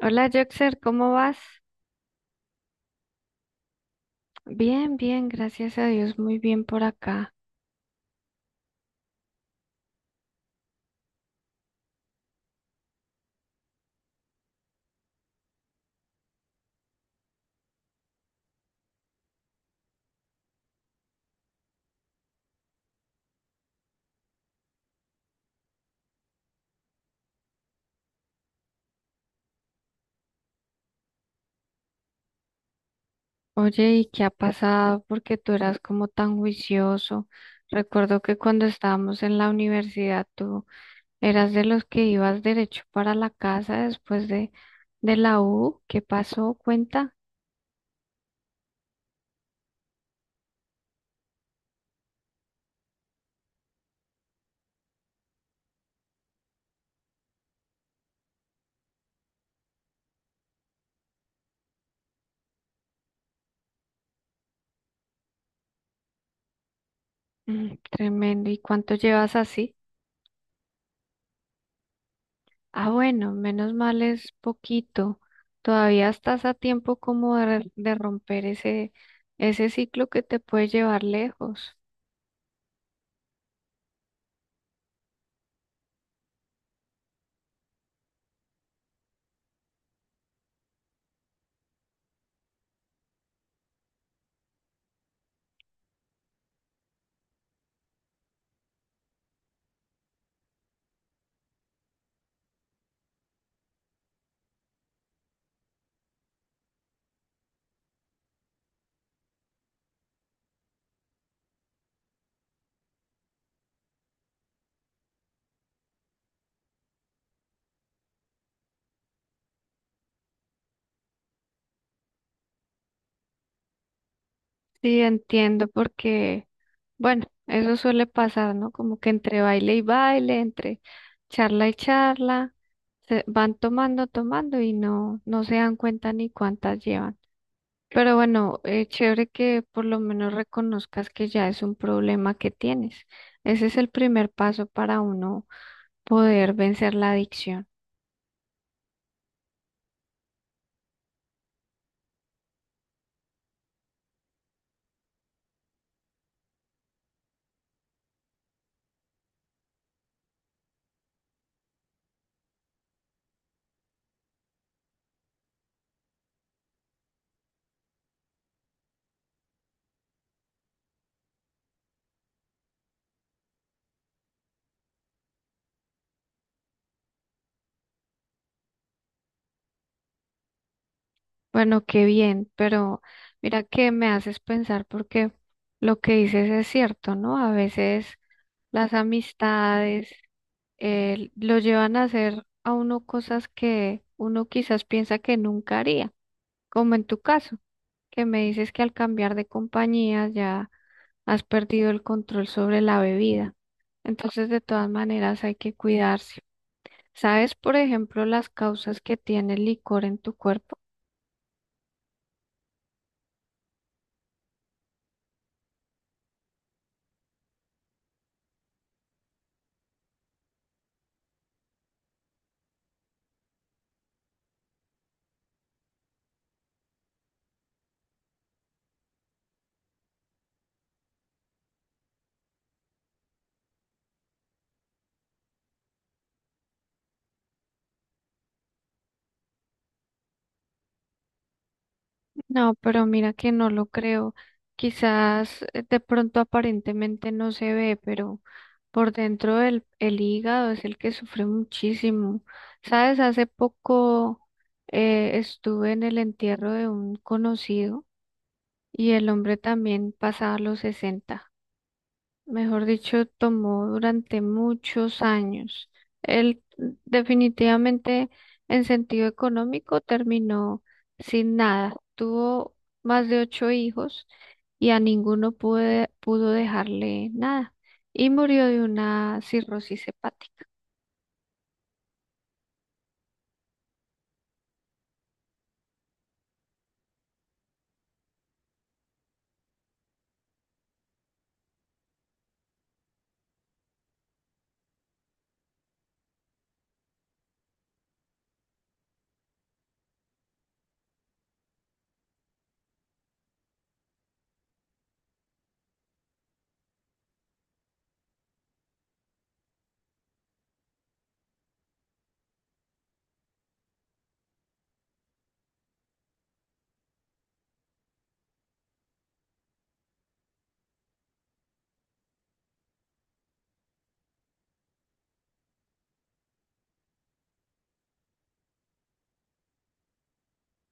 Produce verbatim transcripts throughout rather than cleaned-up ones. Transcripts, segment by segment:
Hola, Joxer, ¿cómo vas? Bien, bien, gracias a Dios, muy bien por acá. Oye, ¿y qué ha pasado? Porque tú eras como tan juicioso. Recuerdo que cuando estábamos en la universidad, tú eras de los que ibas derecho para la casa después de, de, la U. ¿Qué pasó? Cuenta. Mm, tremendo. ¿Y cuánto llevas así? Ah, bueno, menos mal es poquito. Todavía estás a tiempo como de, de, romper ese, ese ciclo que te puede llevar lejos. Sí, entiendo porque, bueno, eso suele pasar, ¿no? Como que entre baile y baile, entre charla y charla, se van tomando, tomando y no, no se dan cuenta ni cuántas llevan. Pero bueno, eh, chévere que por lo menos reconozcas que ya es un problema que tienes. Ese es el primer paso para uno poder vencer la adicción. Bueno, qué bien, pero mira que me haces pensar porque lo que dices es cierto, ¿no? A veces las amistades eh, lo llevan a hacer a uno cosas que uno quizás piensa que nunca haría, como en tu caso, que me dices que al cambiar de compañía ya has perdido el control sobre la bebida. Entonces, de todas maneras, hay que cuidarse. ¿Sabes, por ejemplo, las causas que tiene el licor en tu cuerpo? No, pero mira que no lo creo. Quizás eh, de pronto aparentemente no se ve, pero por dentro el, el hígado es el que sufre muchísimo. ¿Sabes? Hace poco eh, estuve en el entierro de un conocido y el hombre también pasaba los sesenta. Mejor dicho, tomó durante muchos años. Él definitivamente en sentido económico terminó sin nada. Tuvo más de ocho hijos y a ninguno pude- pudo dejarle nada. Y murió de una cirrosis hepática.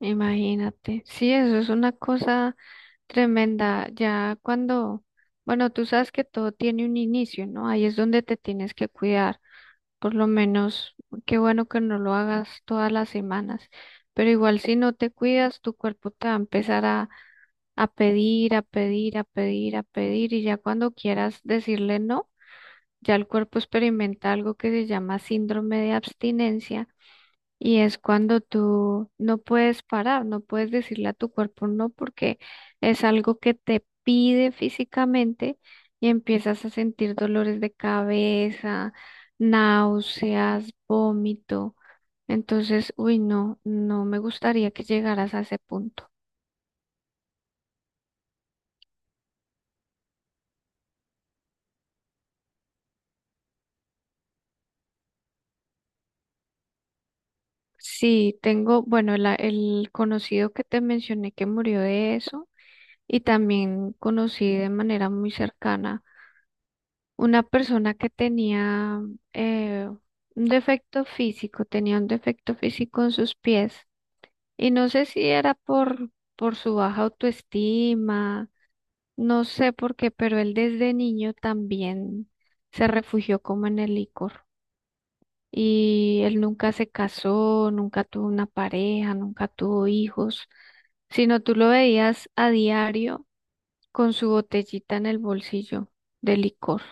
Imagínate. Sí, eso es una cosa tremenda. Ya cuando, bueno, tú sabes que todo tiene un inicio, ¿no? Ahí es donde te tienes que cuidar. Por lo menos, qué bueno que no lo hagas todas las semanas, pero igual si no te cuidas, tu cuerpo te va a empezar a, a pedir, a pedir, a pedir, a pedir, y ya cuando quieras decirle no, ya el cuerpo experimenta algo que se llama síndrome de abstinencia y es cuando tú no puedes parar, no puedes decirle a tu cuerpo no porque es algo que te pide físicamente y empiezas a sentir dolores de cabeza, náuseas, vómito. Entonces, uy, no, no me gustaría que llegaras a ese punto. Sí, tengo, bueno, la- el conocido que te mencioné que murió de eso y también conocí de manera muy cercana una persona que tenía eh, un defecto físico, tenía un defecto físico en sus pies y no sé si era por, por, su baja autoestima, no sé por qué, pero él desde niño también se refugió como en el licor y él nunca se casó, nunca tuvo una pareja, nunca tuvo hijos, sino tú lo veías a diario con su botellita en el bolsillo de licor.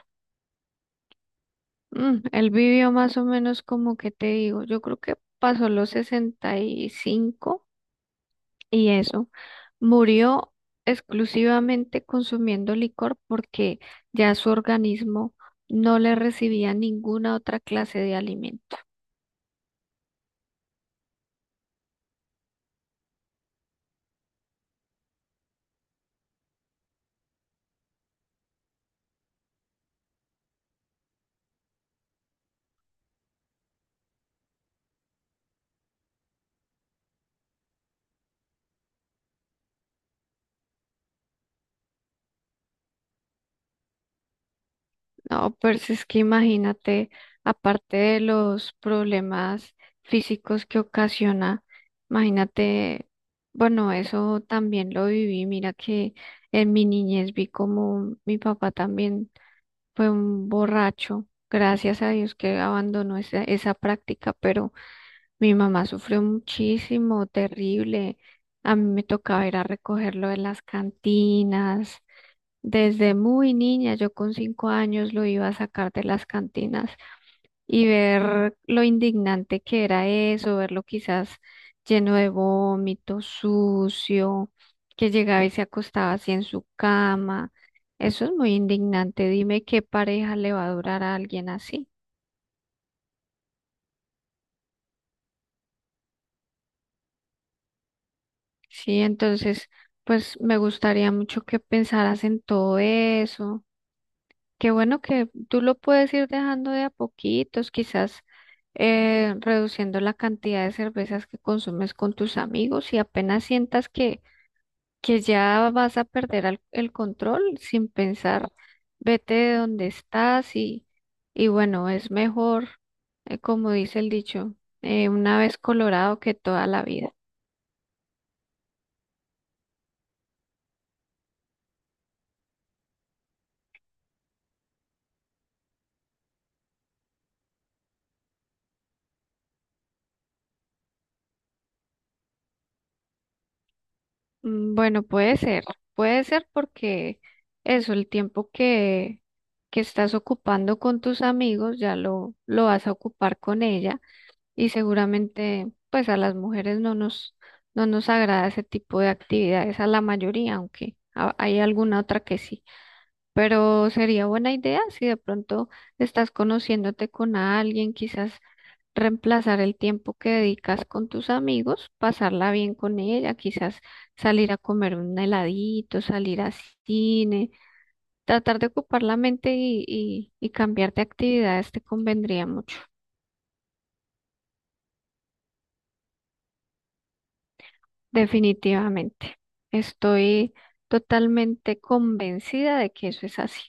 Mm, él vivió más o menos como que te digo, yo creo que pasó los sesenta y cinco y eso, murió exclusivamente consumiendo licor porque ya su organismo no le recibía ninguna otra clase de alimento. No, pues es que imagínate, aparte de los problemas físicos que ocasiona, imagínate, bueno, eso también lo viví. Mira que en mi niñez vi como mi papá también fue un borracho. Gracias a Dios que abandonó esa, esa práctica, pero mi mamá sufrió muchísimo, terrible. A mí me tocaba ir a recogerlo de las cantinas desde muy niña, yo con cinco años lo iba a sacar de las cantinas y ver lo indignante que era eso, verlo quizás lleno de vómito, sucio, que llegaba y se acostaba así en su cama. Eso es muy indignante. Dime qué pareja le va a durar a alguien así. Sí, entonces, pues me gustaría mucho que pensaras en todo eso. Qué bueno que tú lo puedes ir dejando de a poquitos, quizás eh, reduciendo la cantidad de cervezas que consumes con tus amigos y apenas sientas que, que ya vas a perder al- el control sin pensar, vete de donde estás y, y bueno, es mejor, eh, como dice el dicho, eh, una vez colorado que toda la vida. Mm, Bueno, puede ser, puede ser porque eso, el tiempo que, que, estás ocupando con tus amigos, ya lo, lo vas a ocupar con ella y seguramente pues a las mujeres no nos, no nos agrada ese tipo de actividades, a la mayoría, aunque a- hay alguna otra que sí, pero sería buena idea si de pronto estás conociéndote con alguien, quizás reemplazar el tiempo que dedicas con tus amigos, pasarla bien con ella, quizás salir a comer un heladito, salir a cine, tratar de ocupar la mente y, y, y cambiar de actividades te convendría mucho, definitivamente. Estoy totalmente convencida de que eso es así.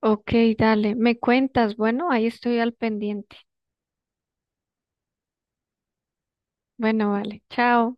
Ok, dale, me cuentas, bueno, ahí estoy al pendiente. Bueno, vale, chao.